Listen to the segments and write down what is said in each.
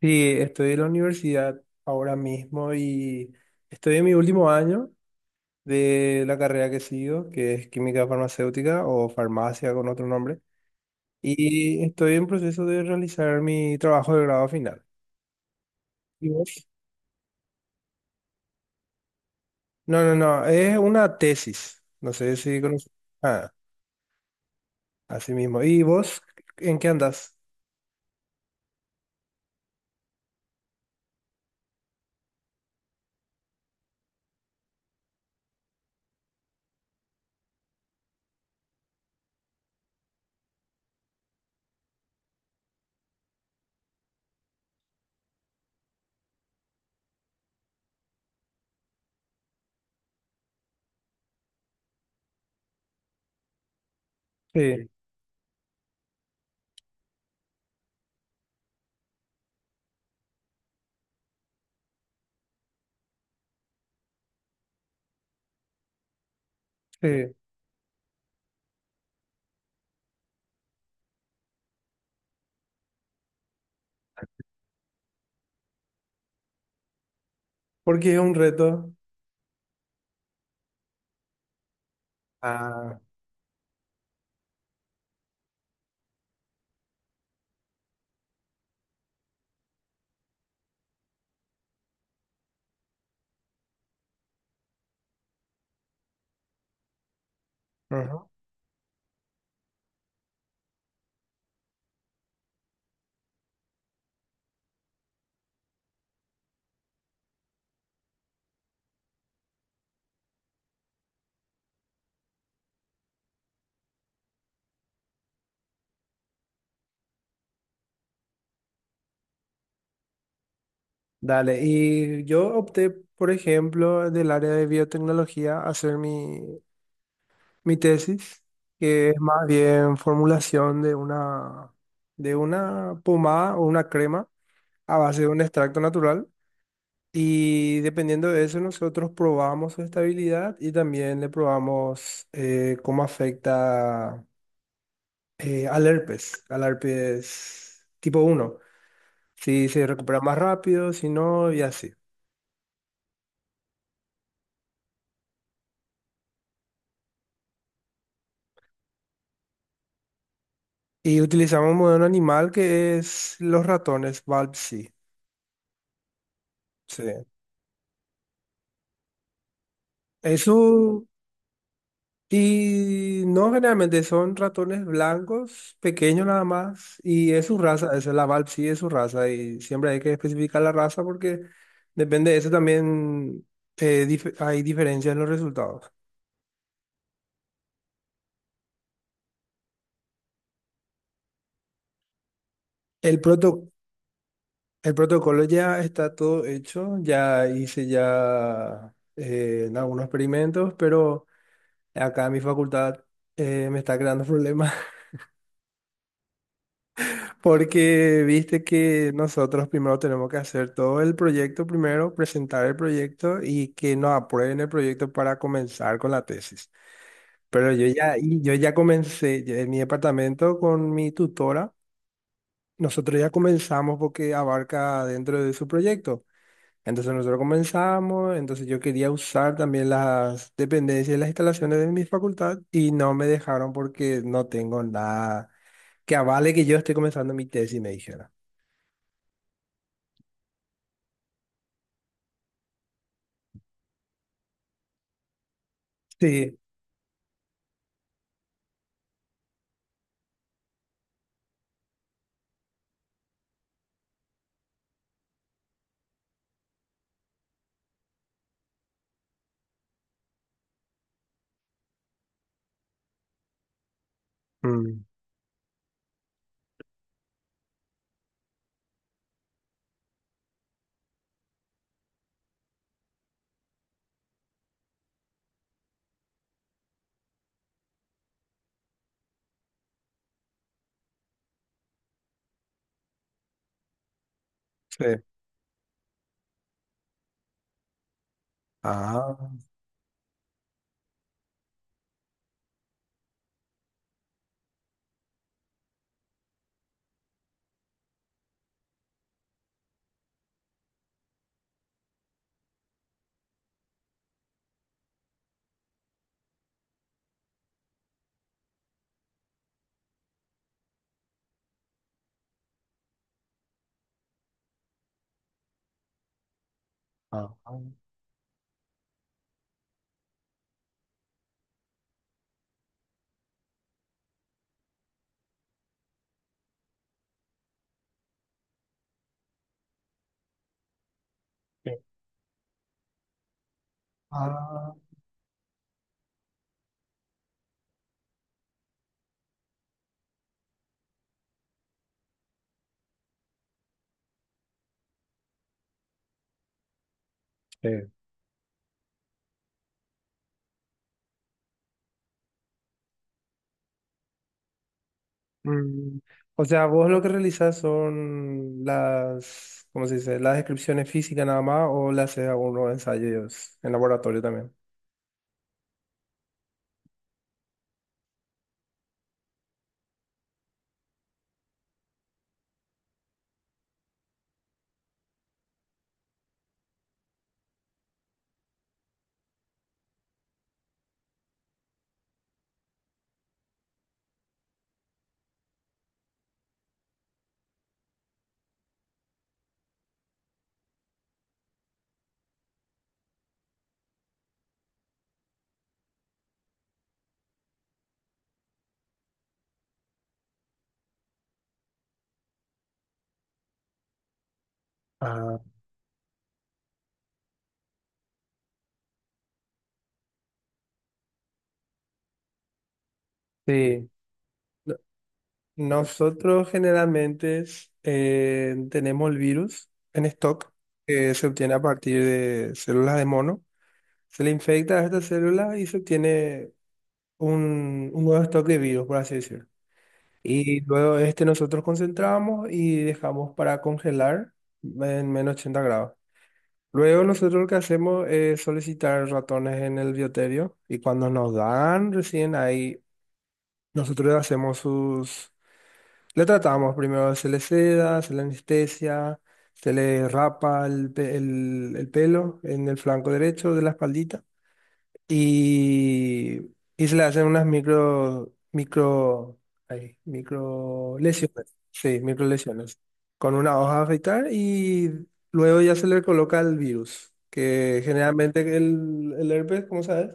Sí, estoy en la universidad ahora mismo y estoy en mi último año de la carrera que sigo, que es química farmacéutica o farmacia con otro nombre, y estoy en proceso de realizar mi trabajo de grado final. ¿Y vos? No, no, no, es una tesis, no sé si conoces. Ah, así mismo. ¿Y vos en qué andas? Sí, sí, porque es un reto. Ah, ujú. Dale, y yo opté, por ejemplo, del área de biotecnología, a hacer mi tesis, que es más bien formulación de una pomada o una crema a base de un extracto natural. Y dependiendo de eso, nosotros probamos su estabilidad y también le probamos cómo afecta al herpes tipo 1, si se recupera más rápido, si no, y así. Y utilizamos un modelo animal que es los ratones, Balpsy. Sí. Sí. Eso, y no, generalmente son ratones blancos, pequeños nada más, y es su raza, esa es la Balpsy, es su raza, y siempre hay que especificar la raza porque depende de eso también, hay diferencias en los resultados. El proto- el protocolo ya está todo hecho, ya hice ya algunos experimentos, pero... Acá en mi facultad me está creando problemas, porque viste que nosotros primero tenemos que hacer todo el proyecto primero, presentar el proyecto y que nos aprueben el proyecto para comenzar con la tesis. Pero yo ya comencé ya en mi departamento con mi tutora. Nosotros ya comenzamos porque abarca dentro de su proyecto. Entonces nosotros comenzamos, entonces yo quería usar también las dependencias y las instalaciones de mi facultad y no me dejaron porque no tengo nada que avale que yo estoy comenzando mi tesis, me dijera. Sí. Mm, sí. Ah, ah, sí. Ah, sí. Mm. O sea, vos lo que realizás son las, ¿cómo se dice? Las descripciones físicas nada más, o le haces algunos ensayos en laboratorio también. Ah, sí. No- Nosotros generalmente tenemos el virus en stock, que se obtiene a partir de células de mono. Se le infecta a estas células y se obtiene un nuevo stock de virus, por así decirlo. Y luego este nosotros concentramos y dejamos para congelar en -80 grados. Luego nosotros lo que hacemos es solicitar ratones en el bioterio y cuando nos dan, recién ahí nosotros hacemos sus... Le tratamos primero, se le seda, se le anestesia, se le rapa el pelo en el flanco derecho de la espaldita, y, y se le hacen unas micro lesiones, sí, con una hoja a afeitar, y luego ya se le coloca el virus, que generalmente el herpes, como sabes,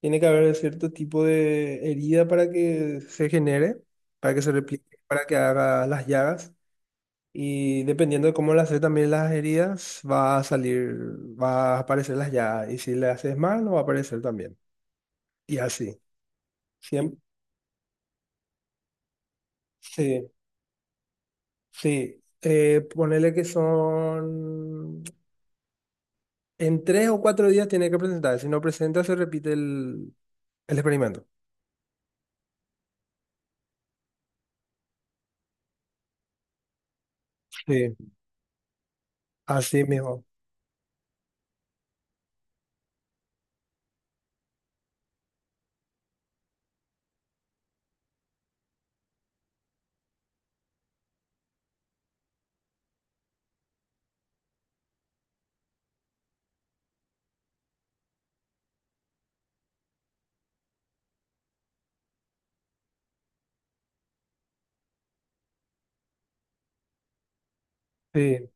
tiene que haber cierto tipo de herida para que se genere, para que se replique, para que haga las llagas. Y dependiendo de cómo le haces también las heridas, va a salir, va a aparecer las llagas. Y si le haces mal, no va a aparecer también. Y así. Siempre. Sí, sí. Ponele que son... En 3 o 4 días tiene que presentar. Si no presenta, se repite el experimento. Sí, así mismo. Sí.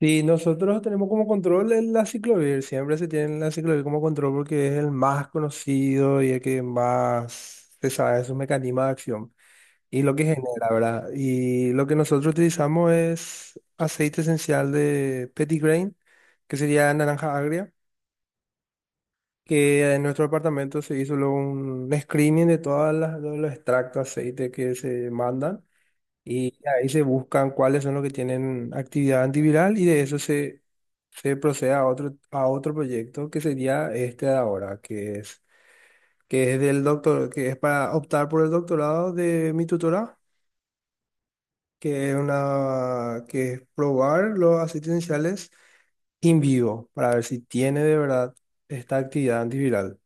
Sí, nosotros tenemos como control la ciclovir. Siempre se tiene la ciclovir como control porque es el más conocido y el que más se sabe sus mecanismo de acción. Y lo que genera, ¿verdad? Y lo que nosotros utilizamos es aceite esencial de grain, que sería naranja agria, que en nuestro departamento se hizo luego un screening de todas las, todos los extractos de aceite que se mandan, y ahí se buscan cuáles son los que tienen actividad antiviral, y de eso se procede a otro, proyecto, que sería este de ahora, que es del doctor, que es para optar por el doctorado de mi tutora, que es probar los aceites esenciales in vivo para ver si tiene de verdad esta actividad antiviral.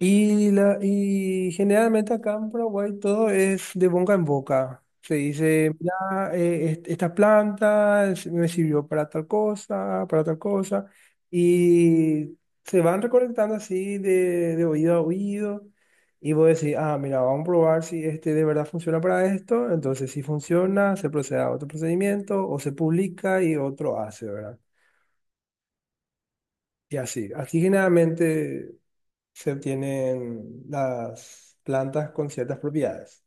Y generalmente acá en Paraguay todo es de boca en boca. Se dice, mira, esta planta me sirvió para tal cosa, para tal cosa. Y se van recolectando así de oído a oído. Y vos decís, ah, mira, vamos a probar si este de verdad funciona para esto. Entonces, si funciona, se procede a otro procedimiento o se publica y otro hace, ¿verdad? Y así. Así generalmente se obtienen las plantas con ciertas propiedades.